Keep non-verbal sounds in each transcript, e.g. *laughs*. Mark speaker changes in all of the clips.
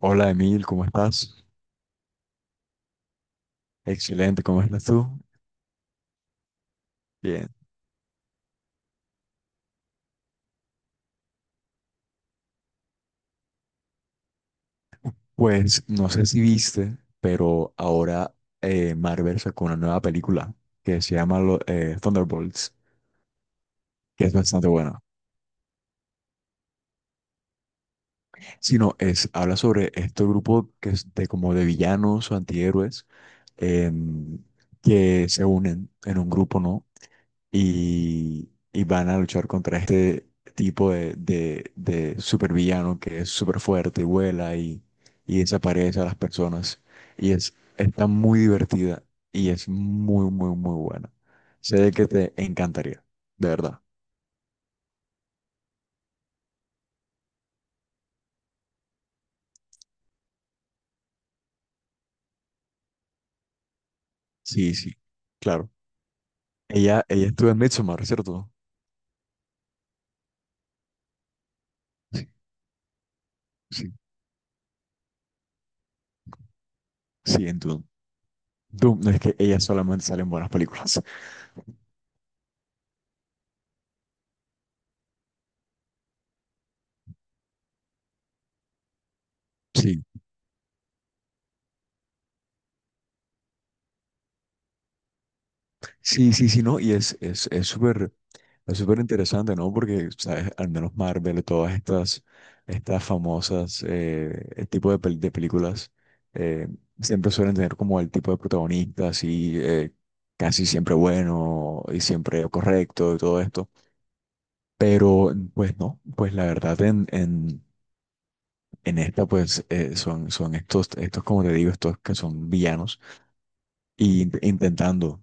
Speaker 1: Hola Emil, ¿cómo estás? Excelente, ¿cómo estás tú? Bien. Pues no sé si viste, pero ahora Marvel sacó una nueva película que se llama Thunderbolts, que es bastante buena. Si no, es, habla sobre este grupo que es de como de villanos o antihéroes, em, que se unen en un grupo, ¿no? Y van a luchar contra este tipo de supervillano que es súper fuerte y vuela, y desaparece a las personas. Y es, está muy divertida y es muy, muy, muy buena. Sé de que te encantaría, de verdad. Sí, sí, claro. Ella estuvo en Midsommar, ¿cierto? Sí, sí, sí, en Doom. Doom, no es que ella solamente sale en buenas películas. Sí. Sí, sí, sí, no, y es súper interesante, ¿no? Porque, ¿sabes? Al menos Marvel, todas estas, estas famosas, el tipo de, de películas, eh, siempre suelen tener como el tipo de protagonista así, casi siempre bueno y siempre correcto y todo esto. Pero, pues no, pues la verdad en esta, pues son, son estos, estos, como te digo, estos que son villanos y intentando,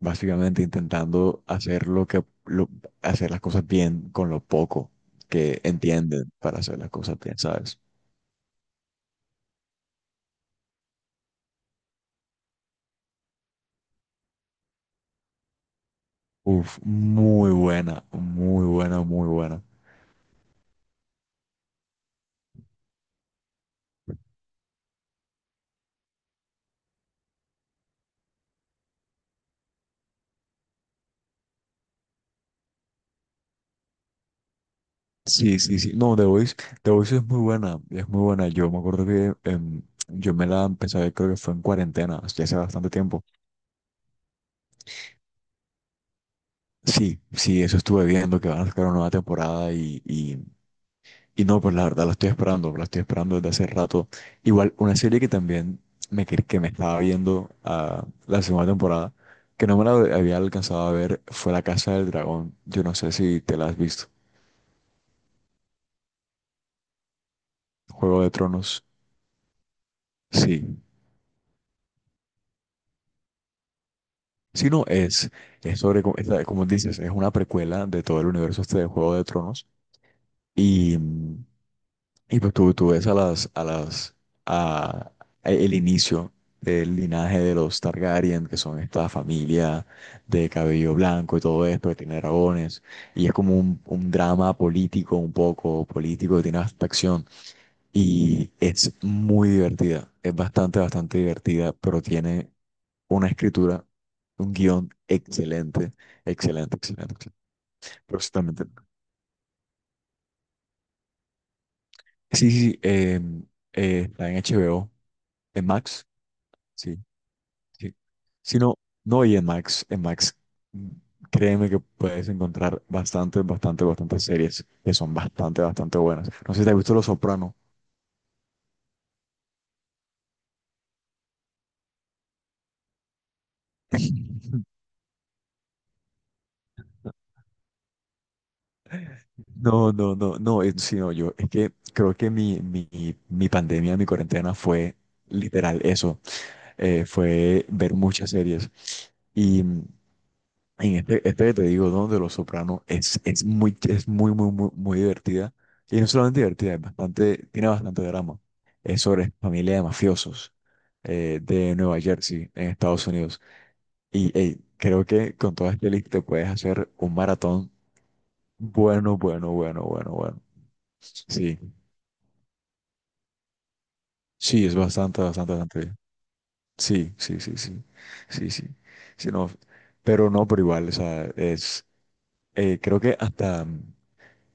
Speaker 1: básicamente intentando hacer lo hacer las cosas bien con lo poco que entienden para hacer las cosas bien, ¿sabes? Uf, muy buena, muy buena, muy buena. Sí, sí, sí. No, The Voice, The Voice es muy buena, es muy buena. Yo me acuerdo que yo me la empecé a ver, creo que fue en cuarentena, o hace bastante tiempo. Sí, sí, eso estuve viendo, que van a sacar una nueva temporada y no, pues la verdad la estoy esperando desde hace rato. Igual, una serie que también me, que me estaba viendo, la segunda temporada, que no me la había alcanzado a ver, fue La Casa del Dragón. Yo no sé si te la has visto. Juego de Tronos, sí. Si no, es sobre, es como dices, es una precuela de todo el universo este de Juego de Tronos. Y mm, Y pues tú ves a las, a las, a, a el inicio del linaje de los Targaryen, que son esta familia de cabello blanco y todo esto, que tiene dragones, y es como un drama político, un poco político, que tiene hasta acción, y es muy divertida, es bastante, bastante divertida, pero tiene una escritura, un guión excelente, excelente, excelente, excelente. Pero sí, también sí, sí, sí, está en HBO, en Max. Sí, sí. Si no, no, y en Max, mm, créeme que puedes encontrar bastante, bastante, bastantes series que son bastante, bastante buenas. No sé si te has visto Los Soprano. *laughs* No, no, no, no, sí, no, yo, es que creo que mi pandemia, mi cuarentena fue literal eso, fue ver muchas series. Y En este, este que te digo, donde Los Sopranos es muy, muy, muy, muy divertida. Y no solamente divertida, es bastante, tiene bastante drama. Es sobre familia de mafiosos, de Nueva Jersey, en Estados Unidos. Y hey, creo que con toda esta lista te puedes hacer un maratón bueno, bueno, bueno, bueno, bueno. Sí, sí, es bastante, bastante, bastante bien. Sí, sí, sí, sí, sí, sí. Sí, no, pero no, pero igual, o sea, es, creo que hasta.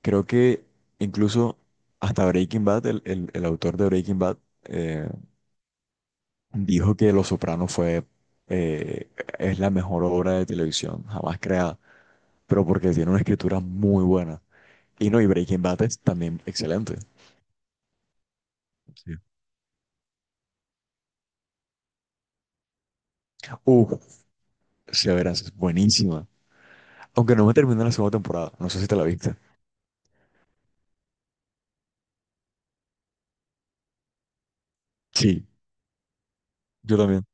Speaker 1: Creo que incluso hasta Breaking Bad, el, el autor de Breaking Bad, eh, dijo que Los Soprano fue, eh, es la mejor obra de televisión jamás creada, pero porque tiene una escritura muy buena. Y no, y Breaking Bad es también excelente. Sí. Uf, Severance es buenísima. Aunque no me terminé la segunda temporada, no sé si te la viste. Sí, yo también.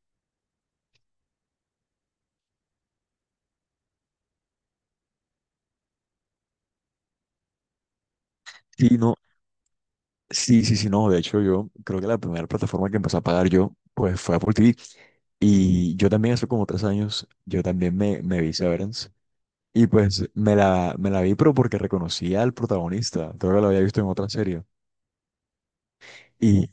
Speaker 1: Sí, no, sí, sí, sí, no. De hecho, yo creo que la primera plataforma que empecé a pagar yo, pues fue Apple TV. Y yo también hace como 3 años, yo también me vi Severance. Y pues me la vi, pero porque reconocía al protagonista. Creo que lo había visto en otra serie. Y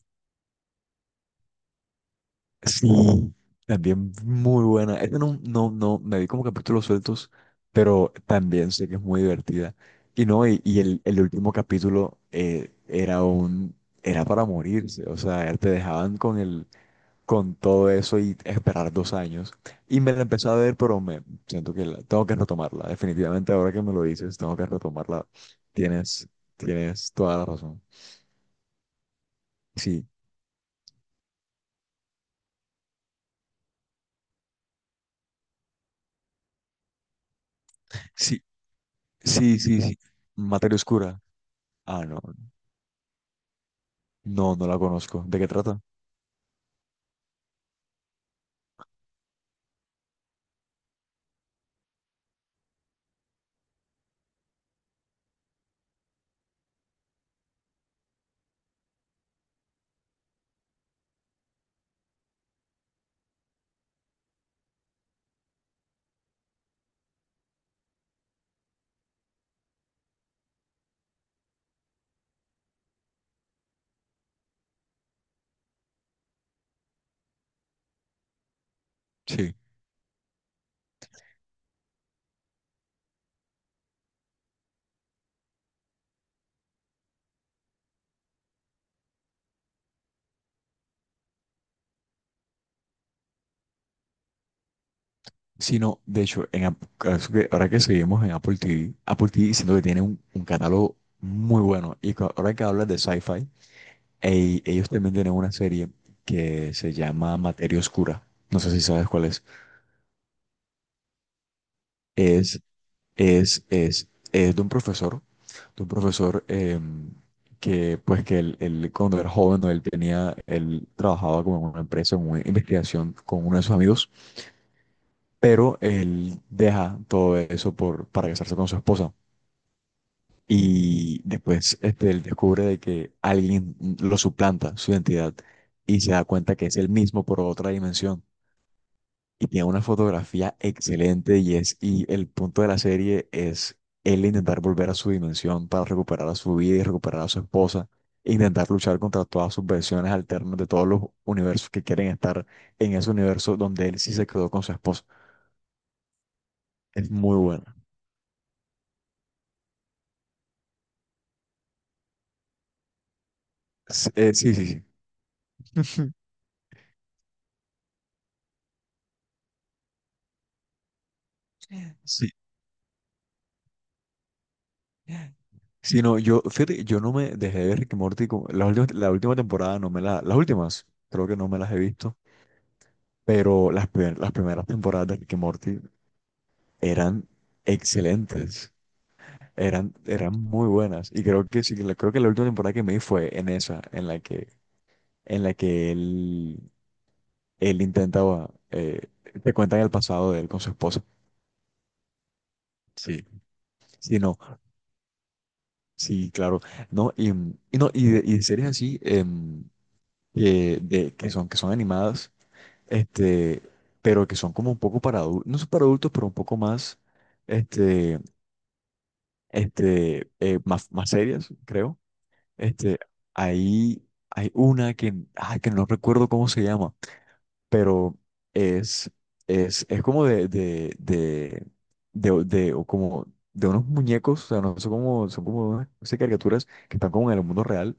Speaker 1: sí, también muy buena. Esta no, no, no, me vi como capítulos sueltos, pero también sé que es muy divertida. Y no, y el último capítulo, era un, era para morirse. O sea, te dejaban con el con todo eso y esperar 2 años. Y me la empecé a ver, pero me siento que tengo que retomarla. Definitivamente ahora que me lo dices, tengo que retomarla. Tienes, tienes toda la razón. Sí, sí, sí, sí, sí. Materia Oscura. Ah, no, no, no la conozco. ¿De qué trata? Sí. Sí, no, de hecho, es que ahora que seguimos en Apple TV, Apple TV siento que tiene un catálogo muy bueno. Y ahora que hablas de sci-fi, ey, ellos también tienen una serie que se llama Materia Oscura. No sé si sabes cuál es. Es, es de un profesor, de un profesor, que, pues, que él cuando era joven, ¿no? Él tenía, él trabajaba como en una empresa, en una investigación con uno de sus amigos, pero él deja todo eso por, para casarse con su esposa. Y después este, él descubre de que alguien lo suplanta su identidad y se da cuenta que es el mismo por otra dimensión. Y tiene una fotografía excelente y es y el punto de la serie es él intentar volver a su dimensión para recuperar a su vida y recuperar a su esposa e intentar luchar contra todas sus versiones alternas de todos los universos que quieren estar en ese universo donde él sí se quedó con su esposa. Es muy buena. Sí, sí, sí. *laughs* Sí. Sí, no, yo, fíjate, yo no me dejé de ver Rick y Morty, la última temporada no me la, las últimas, creo que no me las he visto, pero las, las primeras temporadas de Rick y Morty eran excelentes, eran, eran muy buenas. Y creo que sí, creo que la última temporada que me vi fue en esa, en la que él intentaba, te cuentan el pasado de él con su esposa. Sí, sí, no, sí, claro. No, y, y no, y de series así, que, de, que son animadas, este, pero que son como un poco para adultos, no son para adultos, pero un poco más, este, más, más serias, creo. Este, ahí hay una que, ah, que no recuerdo cómo se llama, pero es, es como de, o como de unos muñecos, o sea, no son como, son como unas no sé, caricaturas que están como en el mundo real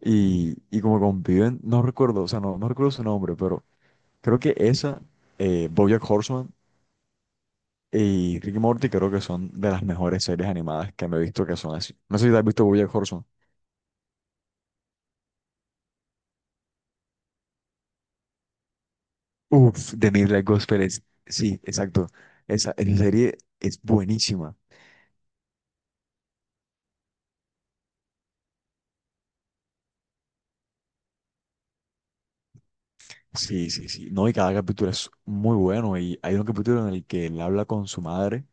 Speaker 1: y como conviven, no recuerdo, o sea, no, no recuerdo su nombre, pero creo que esa, BoJack Horseman y Rick y Morty creo que son de las mejores series animadas que me he visto que son así. No sé si te has visto BoJack Horseman. Uf, de Midnight Gospel es, sí, exacto. Esa serie es buenísima. Sí, sí, sí. No, y cada capítulo es muy bueno. Y hay un capítulo en el que él habla con su madre,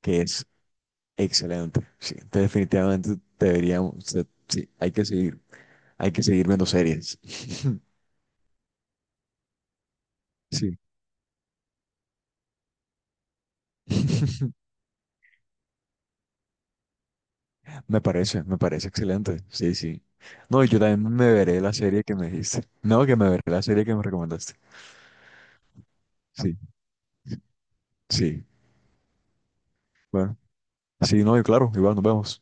Speaker 1: que es excelente. Sí, entonces definitivamente deberíamos, o sea, sí, hay que seguir viendo series. *laughs* Sí. *laughs* Me parece excelente. Sí, sí. No, y yo también me veré la serie que me dijiste. No, que me veré la serie que me recomendaste. Sí, sí. Bueno, sí, no, y claro, igual nos vemos.